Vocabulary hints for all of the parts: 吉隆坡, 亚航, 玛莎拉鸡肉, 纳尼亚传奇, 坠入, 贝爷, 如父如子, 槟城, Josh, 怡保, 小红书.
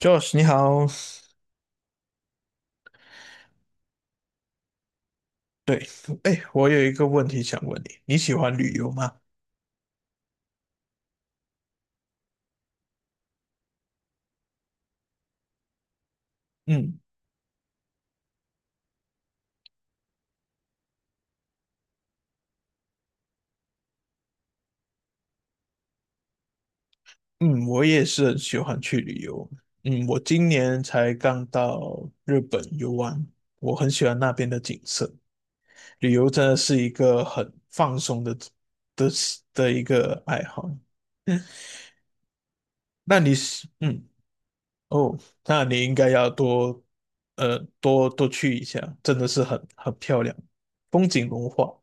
Josh，你好。对，哎，我有一个问题想问你，你喜欢旅游吗？嗯嗯，我也是很喜欢去旅游。嗯，我今年才刚到日本游玩，我很喜欢那边的景色。旅游真的是一个很放松的的一个爱好。那你是嗯哦，那你应该要多多多去一下，真的是很漂亮，风景如画。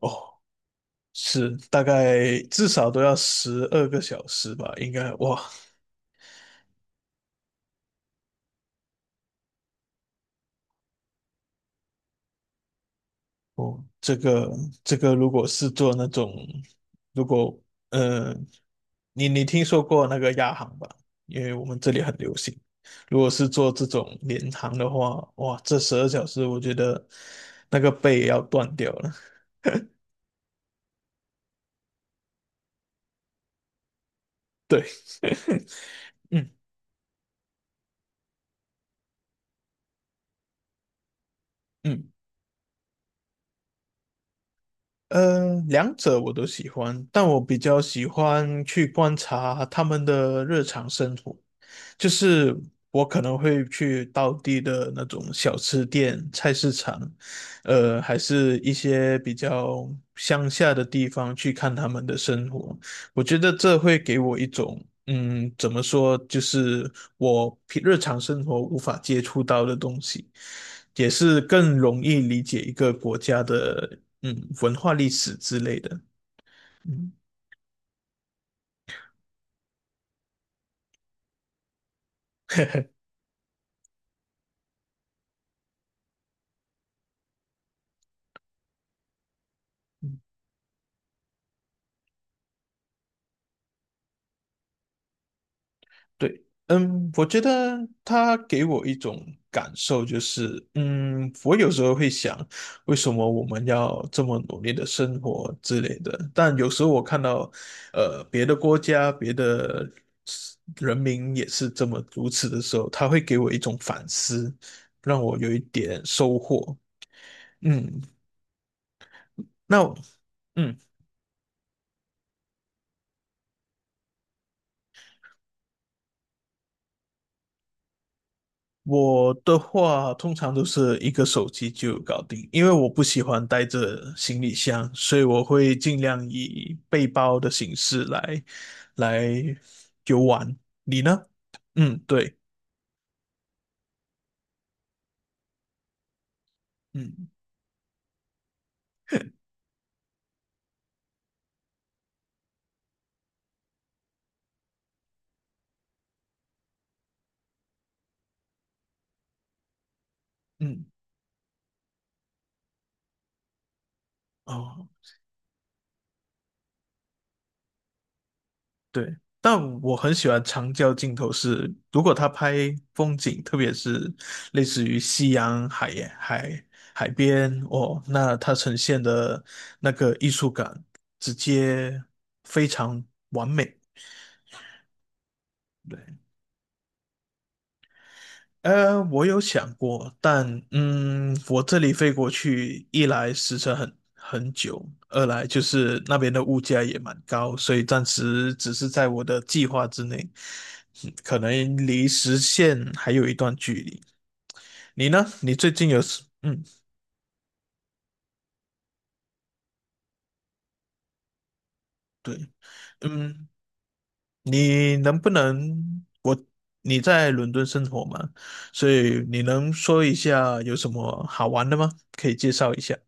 哦，是大概至少都要12个小时吧，应该哇哦，这个如果是做那种，如果呃，你听说过那个亚航吧？因为我们这里很流行。如果是做这种联航的话，哇，这12小时我觉得那个背要断掉了。对，嗯嗯，两者我都喜欢，但我比较喜欢去观察他们的日常生活。就是我可能会去当地的那种小吃店、菜市场，还是一些比较乡下的地方去看他们的生活。我觉得这会给我一种，嗯，怎么说，就是我平日常生活无法接触到的东西，也是更容易理解一个国家的，嗯，文化历史之类的。嗯，对，嗯，我觉得他给我一种感受，就是，嗯，我有时候会想，为什么我们要这么努力的生活之类的？但有时候我看到，别的国家、别的人民也是这么如此的时候，他会给我一种反思，让我有一点收获。嗯，那我，嗯。我的话通常都是一个手机就搞定，因为我不喜欢带着行李箱，所以我会尽量以背包的形式来来游玩。你呢？嗯，对，嗯嗯，哦。对，但我很喜欢长焦镜头是，如果他拍风景，特别是类似于夕阳、海海边，哦，那它呈现的那个艺术感直接非常完美。对，我有想过，但我这里飞过去，一来时程很久，二来就是那边的物价也蛮高，所以暂时只是在我的计划之内，可能离实现还有一段距离。你呢？你最近有什，嗯，对，嗯，你能不能，我，你在伦敦生活吗？所以你能说一下有什么好玩的吗？可以介绍一下。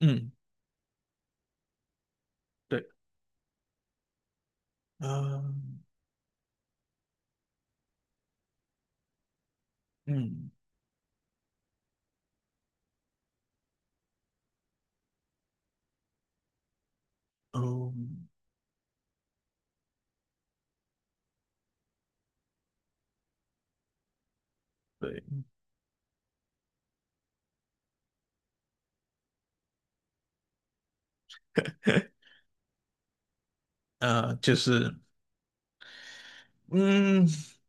嗯，对，啊。嗯，哦，对，就是。嗯，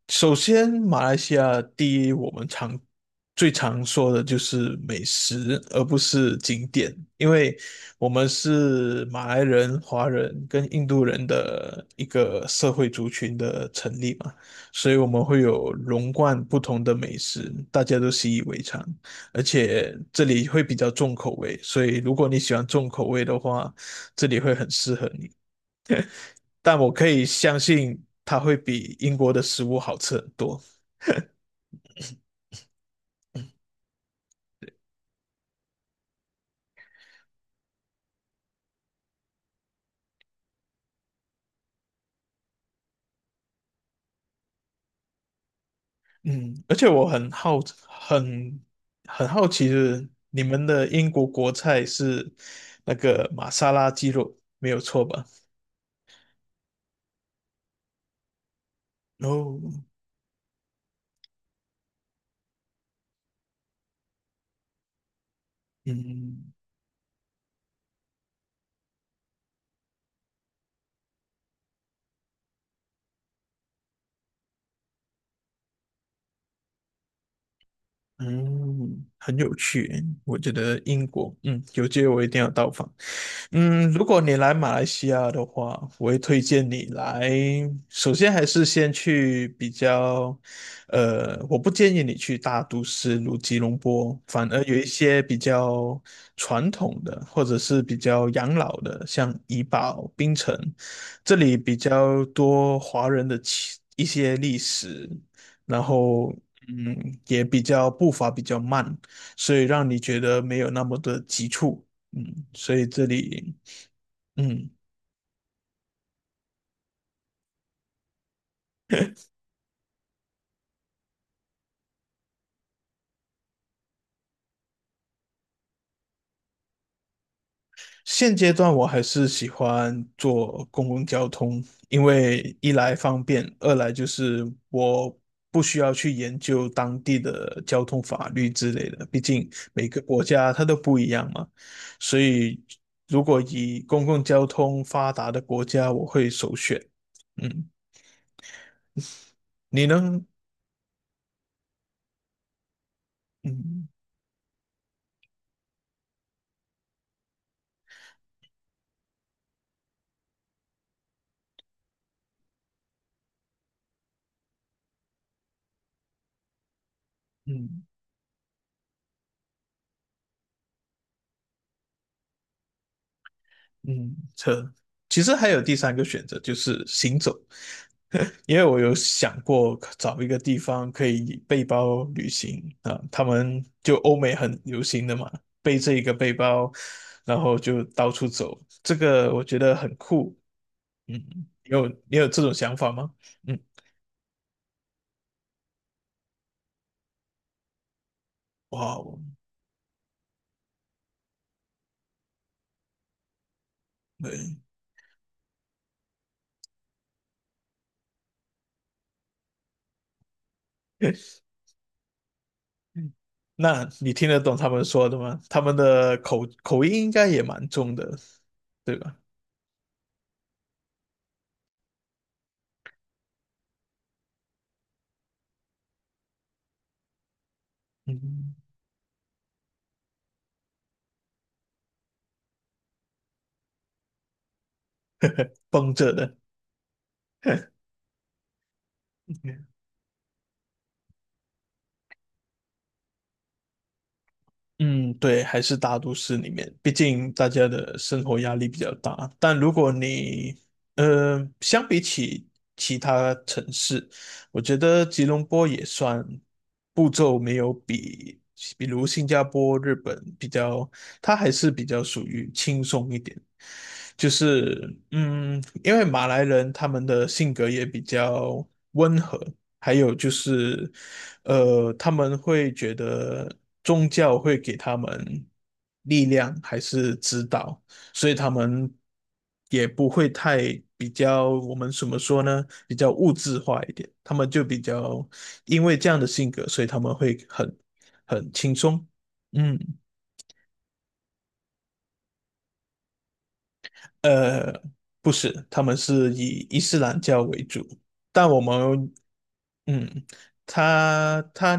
首先，马来西亚第一，我们最常说的就是美食，而不是景点，因为我们是马来人、华人跟印度人的一个社会族群的成立嘛，所以我们会有融贯不同的美食，大家都习以为常，而且这里会比较重口味，所以如果你喜欢重口味的话，这里会很适合你。但我可以相信它会比英国的食物好吃很多。嗯，而且我很很好奇，就是你们的英国国菜是那个玛莎拉鸡肉，没有错吧？哦，嗯，嗯，很有趣诶我觉得英国，嗯，有机会我一定要到访。嗯，如果你来马来西亚的话，我会推荐你来。首先还是先去比较，我不建议你去大都市如吉隆坡，反而有一些比较传统的或者是比较养老的，像怡保、槟城，这里比较多华人的起一些历史，然后也比较步伐比较慢，所以让你觉得没有那么的急促，嗯，所以这里嗯，现阶段我还是喜欢坐公共交通，因为一来方便，二来就是我。不需要去研究当地的交通法律之类的，毕竟每个国家它都不一样嘛。所以，如果以公共交通发达的国家，我会首选。嗯，你呢？嗯嗯嗯，其实还有第三个选择，就是行走，因为我有想过找一个地方可以背包旅行啊，他们就欧美很流行的嘛，背着一个背包，然后就到处走，这个我觉得很酷。嗯，你有这种想法吗？嗯，哇哦，对。那你听得懂他们说的吗？他们的口音应该也蛮重的，对吧？嗯，绷着的。嗯，对，还是大都市里面，毕竟大家的生活压力比较大。但如果你，相比起其他城市，我觉得吉隆坡也算步骤没有比如新加坡、日本比较，它还是比较属于轻松一点。就是，嗯，因为马来人他们的性格也比较温和，还有就是他们会觉得宗教会给他们力量还是指导，所以他们也不会太比较，我们怎么说呢？比较物质化一点，他们就比较因为这样的性格，所以他们会很轻松。嗯，呃，不是，他们是以伊斯兰教为主，但我们嗯，他他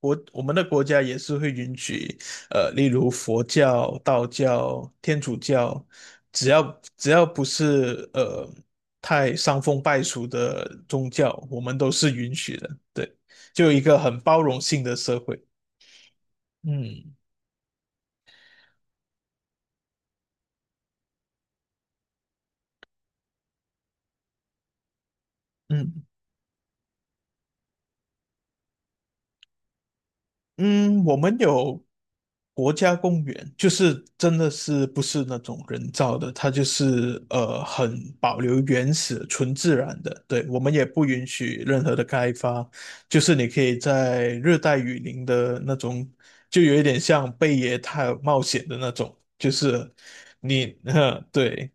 国我们的国家也是会允许，例如佛教、道教、天主教，只要只要不是太伤风败俗的宗教，我们都是允许的。对，就一个很包容性的社会。嗯嗯。嗯，我们有国家公园，就是真的是不是那种人造的，它就是很保留原始、纯自然的。对，我们也不允许任何的开发，就是你可以在热带雨林的那种，就有一点像贝爷探冒险的那种，就是呵，对，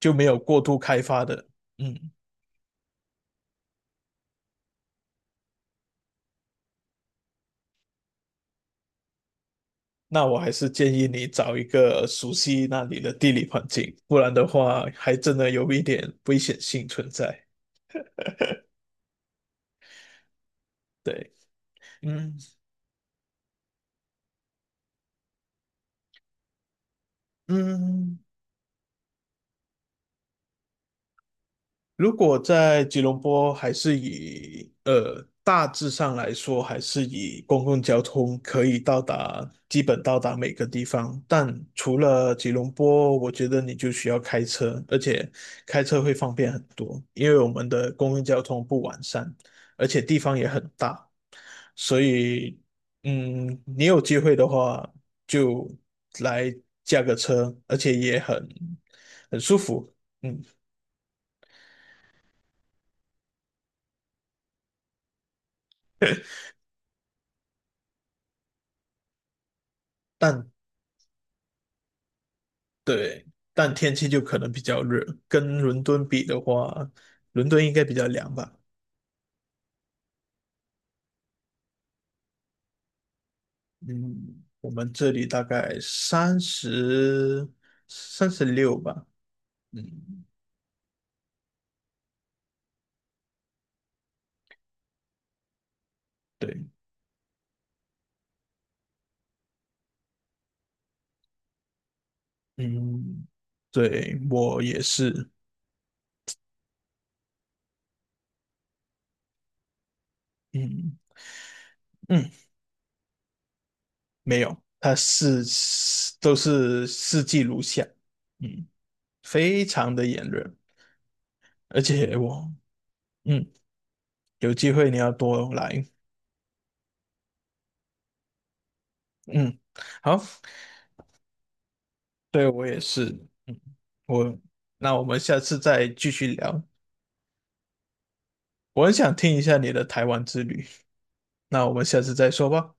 就没有过度开发的。嗯。那我还是建议你找一个熟悉那里的地理环境，不然的话还真的有一点危险性存在。对，嗯嗯，如果在吉隆坡还是以大致上来说，还是以公共交通可以到达，基本到达每个地方。但除了吉隆坡，我觉得你就需要开车，而且开车会方便很多，因为我们的公共交通不完善，而且地方也很大，所以你有机会的话就来驾个车，而且也很舒服。嗯。但对，但天气就可能比较热，跟伦敦比的话，伦敦应该比较凉吧？嗯，我们这里大概36吧。嗯，对，嗯，对，我也是，嗯嗯，没有，它是都是四季如夏，嗯，非常的炎热，而且我嗯有机会你要多来，嗯，好。对，我也是。嗯，我，那我们下次再继续聊。我很想听一下你的台湾之旅，那我们下次再说吧。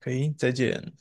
可以，再见。